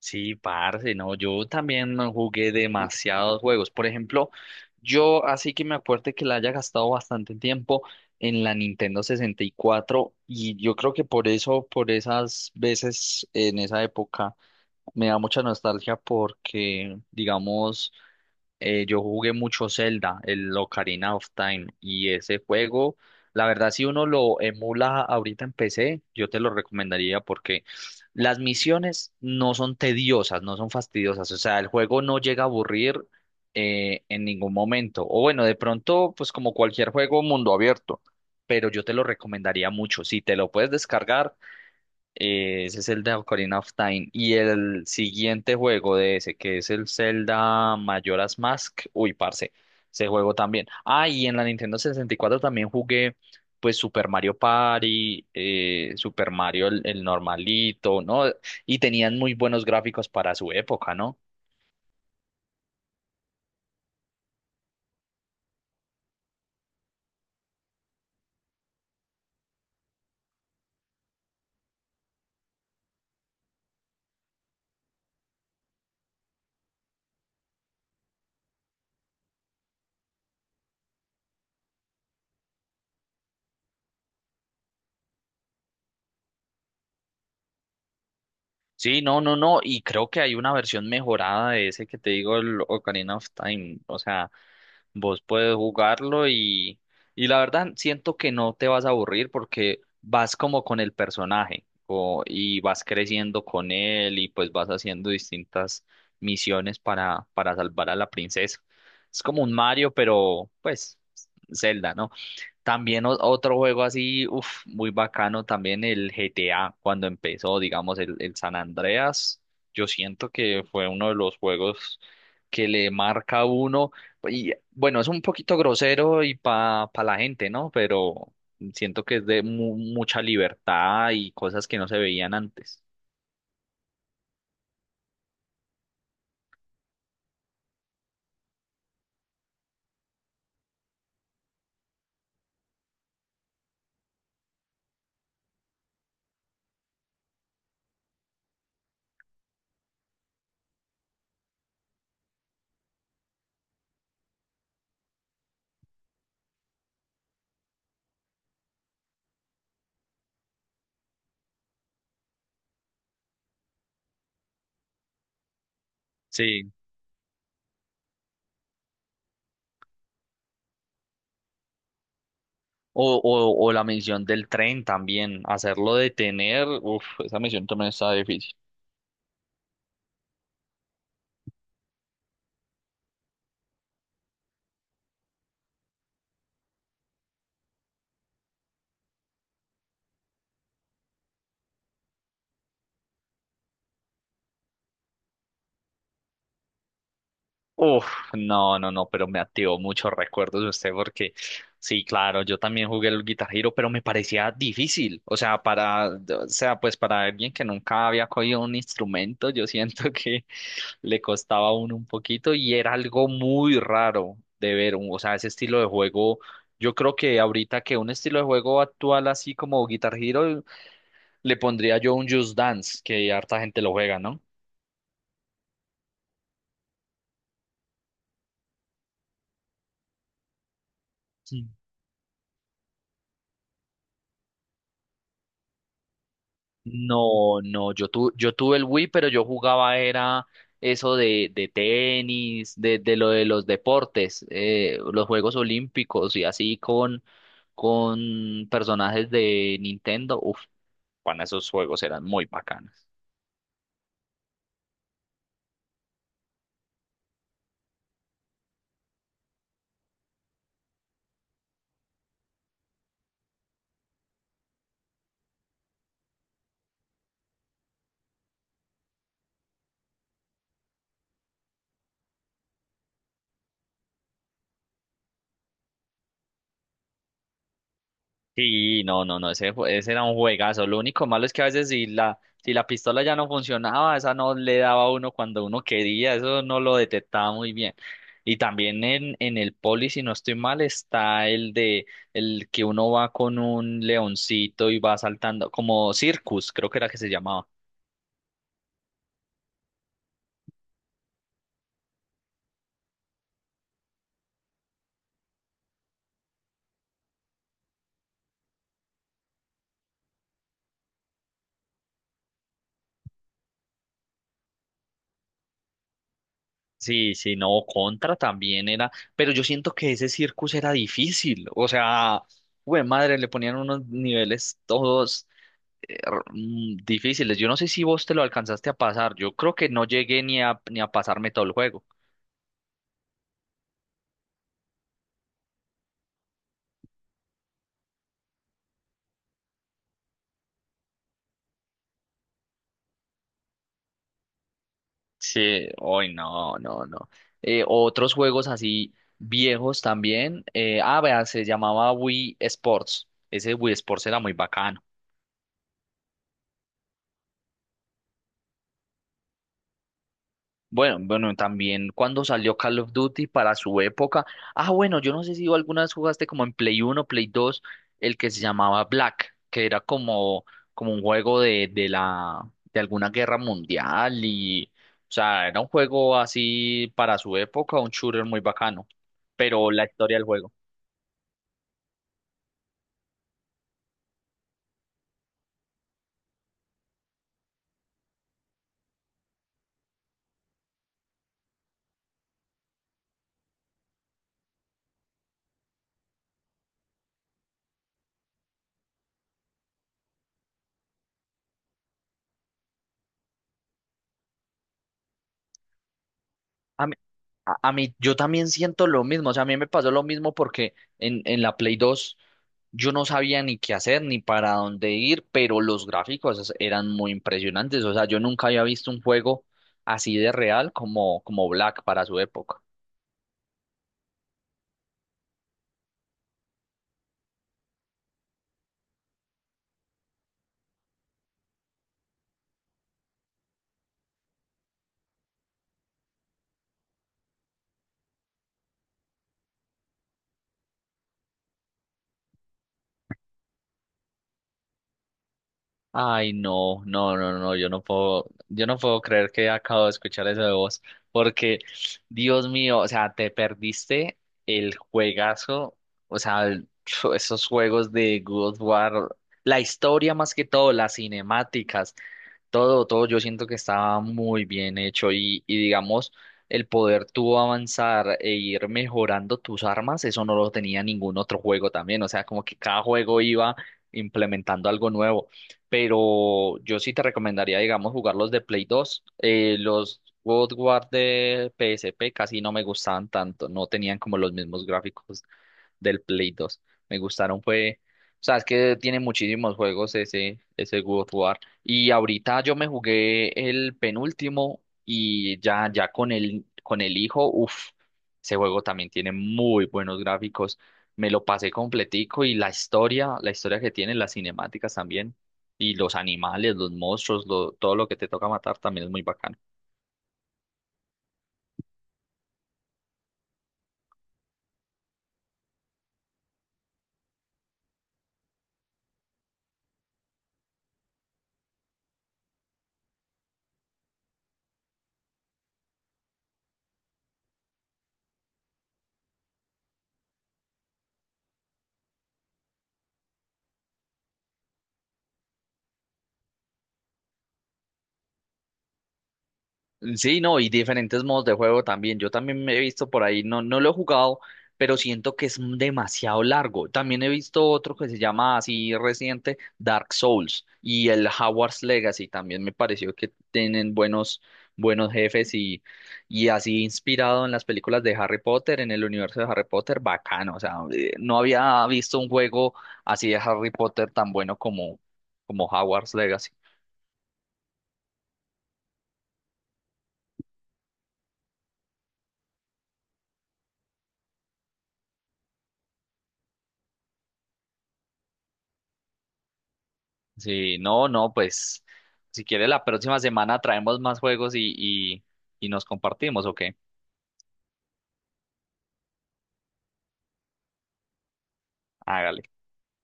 Sí, parce, no, yo también no jugué demasiados juegos. Por ejemplo, yo así que me acuerdo que la haya gastado bastante tiempo en la Nintendo 64 y yo creo que por eso, por esas veces en esa época, me da mucha nostalgia porque, digamos, yo jugué mucho Zelda, el Ocarina of Time, y ese juego, la verdad, si uno lo emula ahorita en PC, yo te lo recomendaría porque las misiones no son tediosas, no son fastidiosas, o sea, el juego no llega a aburrir en ningún momento. O bueno, de pronto, pues como cualquier juego mundo abierto, pero yo te lo recomendaría mucho. Si te lo puedes descargar, ese es el de Ocarina of Time. Y el siguiente juego de ese, que es el Zelda Majora's Mask. Uy, parce, ese juego también. Ah, y en la Nintendo 64 también jugué, pues, Super Mario Party, Super Mario el normalito, ¿no? Y tenían muy buenos gráficos para su época, ¿no? Sí, no, no, no. Y creo que hay una versión mejorada de ese que te digo, el Ocarina of Time. O sea, vos puedes jugarlo y la verdad siento que no te vas a aburrir porque vas como con el personaje y vas creciendo con él y pues vas haciendo distintas misiones para salvar a la princesa. Es como un Mario, pero pues Zelda, ¿no? También otro juego así, uf, muy bacano, también el GTA, cuando empezó, digamos, el San Andreas, yo siento que fue uno de los juegos que le marca a uno, y bueno, es un poquito grosero y pa la gente, ¿no? Pero siento que es de mucha libertad y cosas que no se veían antes. Sí. O la misión del tren también, hacerlo detener, uf, esa misión también está difícil. Uf, no, no, no, pero me activó muchos recuerdos de usted porque sí, claro, yo también jugué el Guitar Hero, pero me parecía difícil, o sea, para, o sea, pues para alguien que nunca había cogido un instrumento, yo siento que le costaba a uno un poquito y era algo muy raro de ver, o sea, ese estilo de juego, yo creo que ahorita que un estilo de juego actual así como Guitar Hero, le pondría yo un Just Dance, que harta gente lo juega, ¿no? No, no, yo tuve el Wii, pero yo jugaba era eso de tenis, de lo de los deportes, los Juegos Olímpicos y así con personajes de Nintendo. Uf, bueno, esos juegos eran muy bacanas. Sí, no, no, no, ese, ese era un juegazo. Lo único malo es que a veces si la pistola ya no funcionaba, esa no le daba a uno cuando uno quería, eso no lo detectaba muy bien. Y también en el poli, si no estoy mal, está el de el que uno va con un leoncito y va saltando, como Circus, creo que era que se llamaba. Sí, sí, no, Contra también era, pero yo siento que ese Circus era difícil, o sea, güey, madre, le ponían unos niveles todos. Difíciles. Yo no sé si vos te lo alcanzaste a pasar. Yo creo que no llegué ni a pasarme todo el juego. Sí, hoy no, no, no. Otros juegos así viejos también. Ah, vea, se llamaba Wii Sports. Ese Wii Sports era muy bacano. Bueno, bueno, también cuando salió Call of Duty para su época. Ah, bueno, yo no sé si tú alguna vez jugaste como en Play 1, Play 2, el que se llamaba Black, que era como un juego de alguna guerra mundial y, o sea, era un juego así para su época, un shooter muy bacano, pero la historia del juego. A mí, yo también siento lo mismo, o sea, a mí me pasó lo mismo porque en la Play 2 yo no sabía ni qué hacer ni para dónde ir, pero los gráficos eran muy impresionantes, o sea, yo nunca había visto un juego así de real como Black para su época. Ay, no, no, no, no, yo no puedo creer que acabo de escuchar eso de vos, porque, Dios mío, o sea, te perdiste el juegazo, o sea, esos juegos de God of War, la historia más que todo, las cinemáticas, todo yo siento que estaba muy bien hecho y digamos, el poder tú avanzar e ir mejorando tus armas, eso no lo tenía ningún otro juego también, o sea, como que cada juego iba implementando algo nuevo, pero yo sí te recomendaría, digamos, jugar los de Play 2 los God of War de PSP casi no me gustaban tanto, no tenían como los mismos gráficos del Play 2. Me gustaron, fue, o sea, es que tiene muchísimos juegos ese God of War. Y ahorita yo me jugué el penúltimo y ya con el hijo, uff, ese juego también tiene muy buenos gráficos. Me lo pasé completico y la historia que tiene, las cinemáticas también. Y los animales, los monstruos, todo lo que te toca matar también es muy bacano. Sí, no, y diferentes modos de juego también. Yo también me he visto por ahí, no, no lo he jugado, pero siento que es demasiado largo. También he visto otro que se llama así reciente, Dark Souls y el Hogwarts Legacy. También me pareció que tienen buenos, buenos jefes y así inspirado en las películas de Harry Potter, en el universo de Harry Potter, bacano. O sea, no había visto un juego así de Harry Potter tan bueno como Hogwarts Legacy. Sí, no, no, pues si quiere la próxima semana traemos más juegos y, y nos compartimos, ¿o qué? Hágale.